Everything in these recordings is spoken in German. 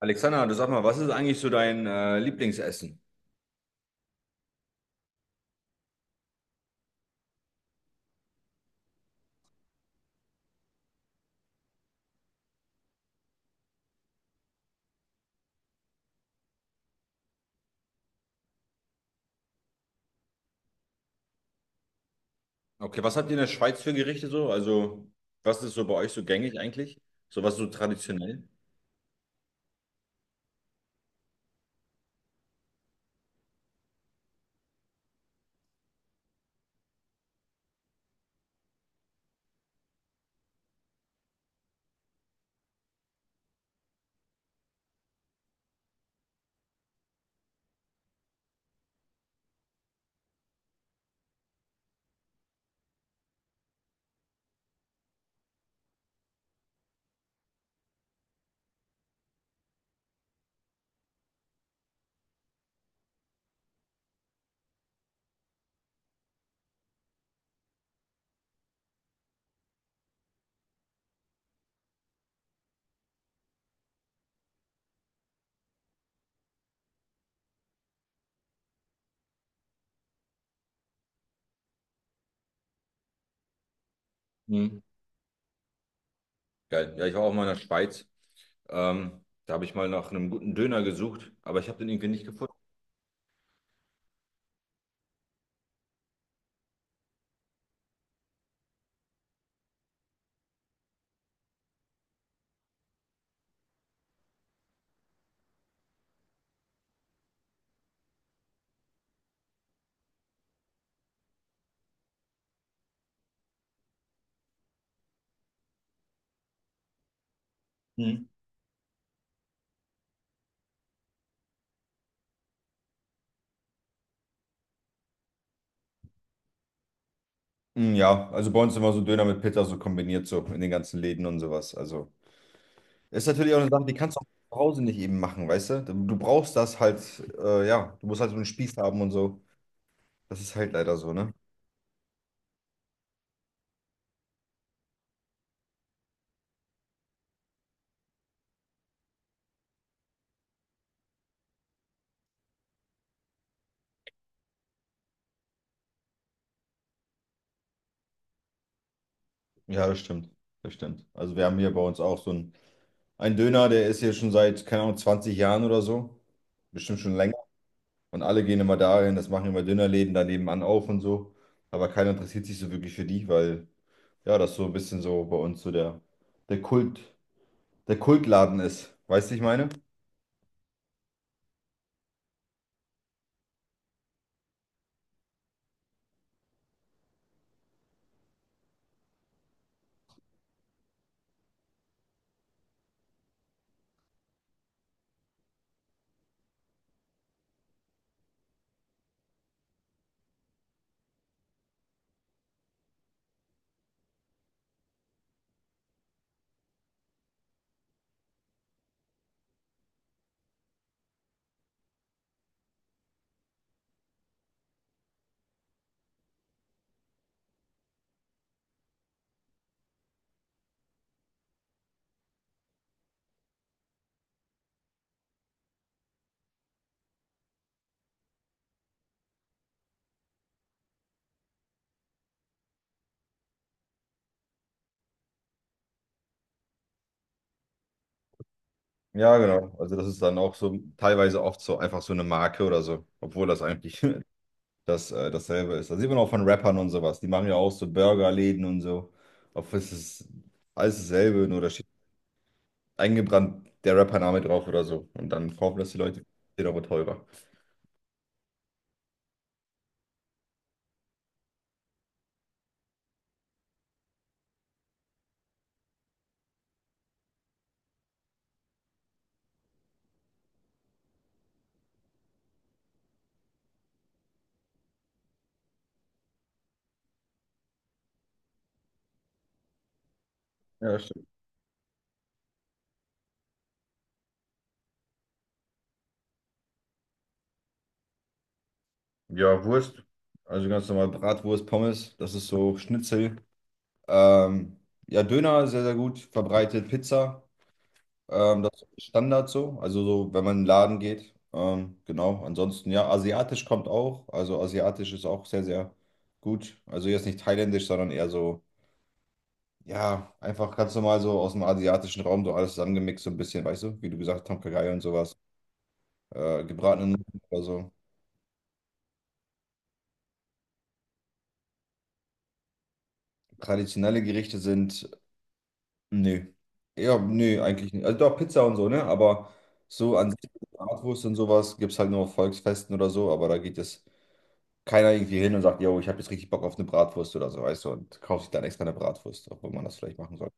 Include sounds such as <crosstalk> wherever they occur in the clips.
Alexander, du sag mal, was ist eigentlich so dein Lieblingsessen? Okay, was habt ihr in der Schweiz für Gerichte so? Also, was ist so bei euch so gängig eigentlich? So was so traditionell? Hm. Geil. Ja, ich war auch mal in der Schweiz. Da habe ich mal nach einem guten Döner gesucht, aber ich habe den irgendwie nicht gefunden. Hm. Hm, ja, also bei uns immer so Döner mit Pizza so kombiniert so in den ganzen Läden und sowas. Also ist natürlich auch eine Sache, die kannst du auch zu Hause nicht eben machen, weißt du? Du brauchst das halt, ja, du musst halt so einen Spieß haben und so. Das ist halt leider so, ne? Ja, das stimmt. Das stimmt. Also wir haben hier bei uns auch so einen, einen Döner, der ist hier schon seit, keine Ahnung, 20 Jahren oder so. Bestimmt schon länger. Und alle gehen immer dahin, das machen immer Dönerläden da nebenan auf und so. Aber keiner interessiert sich so wirklich für die, weil ja, das so ein bisschen so bei uns so der, der Kult, der Kultladen ist. Weißt du, ich meine? Ja, genau. Also das ist dann auch so teilweise oft so einfach so eine Marke oder so, obwohl das eigentlich <laughs> dasselbe ist. Das sieht man auch von Rappern und sowas. Die machen ja auch so Burgerläden und so. Auf es ist alles dasselbe, nur da steht eingebrannt der Rappername drauf oder so. Und dann kaufen das die Leute, steht aber teurer. Ja, stimmt. Ja, Wurst. Also ganz normal Bratwurst, Pommes, das ist so Schnitzel. Ähm, ja, Döner sehr, sehr gut verbreitet. Pizza. Das ist Standard so, also so, wenn man in den Laden geht. Genau, ansonsten ja, asiatisch kommt auch. Also asiatisch ist auch sehr, sehr gut. Also jetzt nicht thailändisch, sondern eher so, ja, einfach ganz normal so aus dem asiatischen Raum so alles zusammengemixt, so ein bisschen, weißt du, wie du gesagt hast, Tom Kha Gai und sowas. Gebratene Nudeln oder so. Traditionelle Gerichte sind, nö. Ja, nö, eigentlich nicht. Also doch Pizza und so, ne? Aber so an sich, Bratwurst und sowas gibt es halt nur auf Volksfesten oder so, aber da geht es keiner irgendwie hin und sagt, yo, ich habe jetzt richtig Bock auf eine Bratwurst oder so, weißt du, und kauft sich dann extra eine Bratwurst, obwohl man das vielleicht machen soll.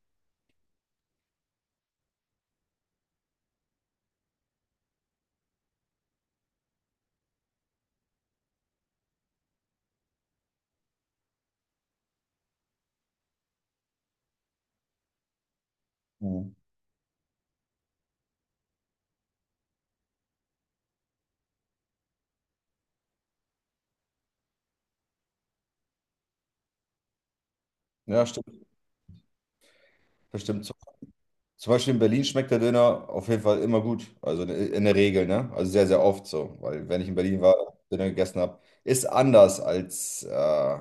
Mhm. Ja, stimmt, das stimmt. So. Zum Beispiel in Berlin schmeckt der Döner auf jeden Fall immer gut, also in der Regel, ne? Also sehr, sehr oft so, weil wenn ich in Berlin war, Döner gegessen habe, ist anders als,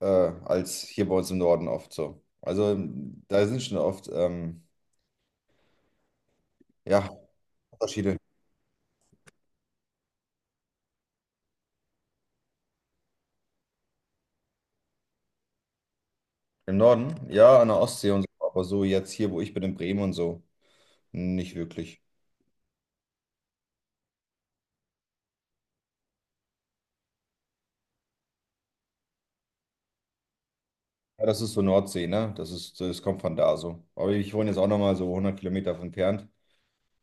äh, als hier bei uns im Norden oft so. Also da sind schon oft, ja, Unterschiede. Im Norden, ja, an der Ostsee und so, aber so jetzt hier, wo ich bin, in Bremen und so, nicht wirklich. Ja, das ist so Nordsee, ne? Das ist, das kommt von da so. Aber ich wohne jetzt auch nochmal so 100 Kilometer von entfernt,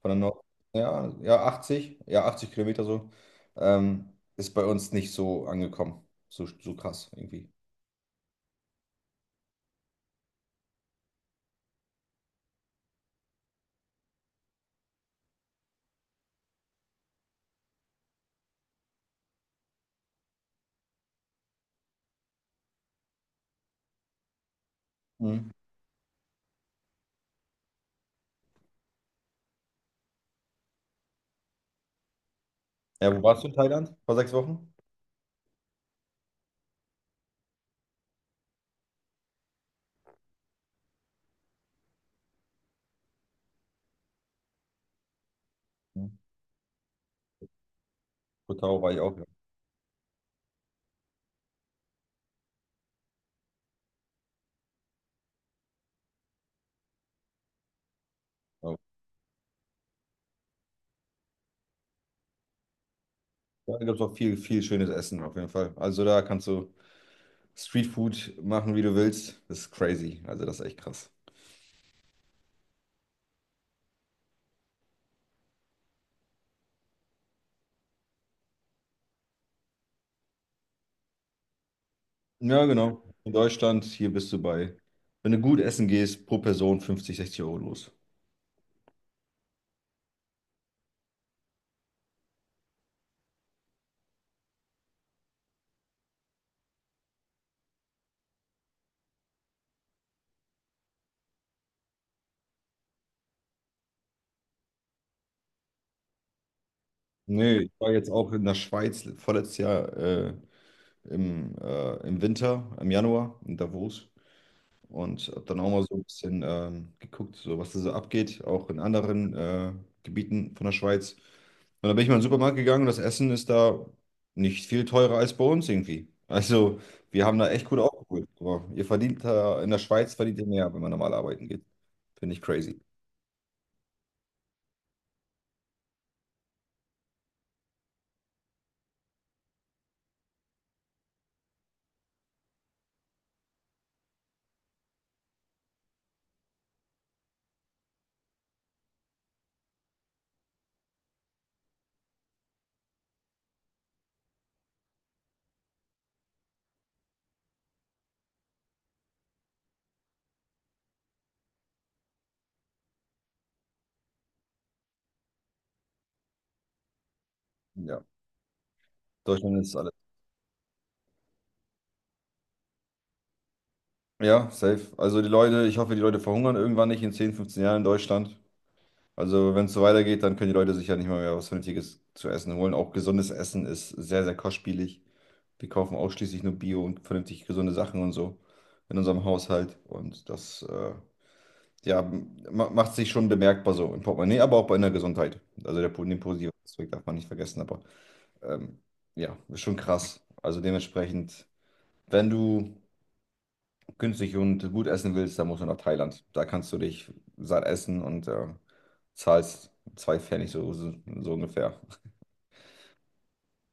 von der Nord. Ja, ja, 80, ja, 80 Kilometer so. Ähm, ist bei uns nicht so angekommen. So, so krass irgendwie. Mhm. Ja, wo warst du in Thailand? Vor 6 Wochen? Mhm. Koh Tao war ich auch. Ja, ja, da gibt es auch viel, viel schönes Essen auf jeden Fall. Also da kannst du Streetfood machen, wie du willst. Das ist crazy. Also das ist echt krass. Ja, genau. In Deutschland, hier bist du bei, wenn du gut essen gehst, pro Person 50, 60 Euro los. Nee, ich war jetzt auch in der Schweiz vorletztes Jahr im, im Winter, im Januar in Davos und habe dann auch mal so ein bisschen geguckt, so was da so abgeht, auch in anderen Gebieten von der Schweiz. Und dann bin ich mal in den Supermarkt gegangen und das Essen ist da nicht viel teurer als bei uns irgendwie. Also, wir haben da echt gut aufgeholt. Aber ihr verdient da, in der Schweiz verdient ihr mehr, wenn man normal arbeiten geht. Finde ich crazy. Ja, Deutschland ist alles. Ja, safe. Also die Leute, ich hoffe, die Leute verhungern irgendwann nicht in 10, 15 Jahren in Deutschland. Also wenn es so weitergeht, dann können die Leute sich ja nicht mal mehr was Vernünftiges zu essen holen. Auch gesundes Essen ist sehr, sehr kostspielig. Wir kaufen ausschließlich nur Bio und vernünftig gesunde Sachen und so in unserem Haushalt. Und das ja, macht sich schon bemerkbar so im Portemonnaie, aber auch bei der Gesundheit. Also der, den positiven Aspekt darf man nicht vergessen, aber ähm, ja, ist schon krass. Also dementsprechend, wenn du günstig und gut essen willst, dann musst du nach Thailand. Da kannst du dich satt essen und zahlst zwei Pfennig so, so, so ungefähr.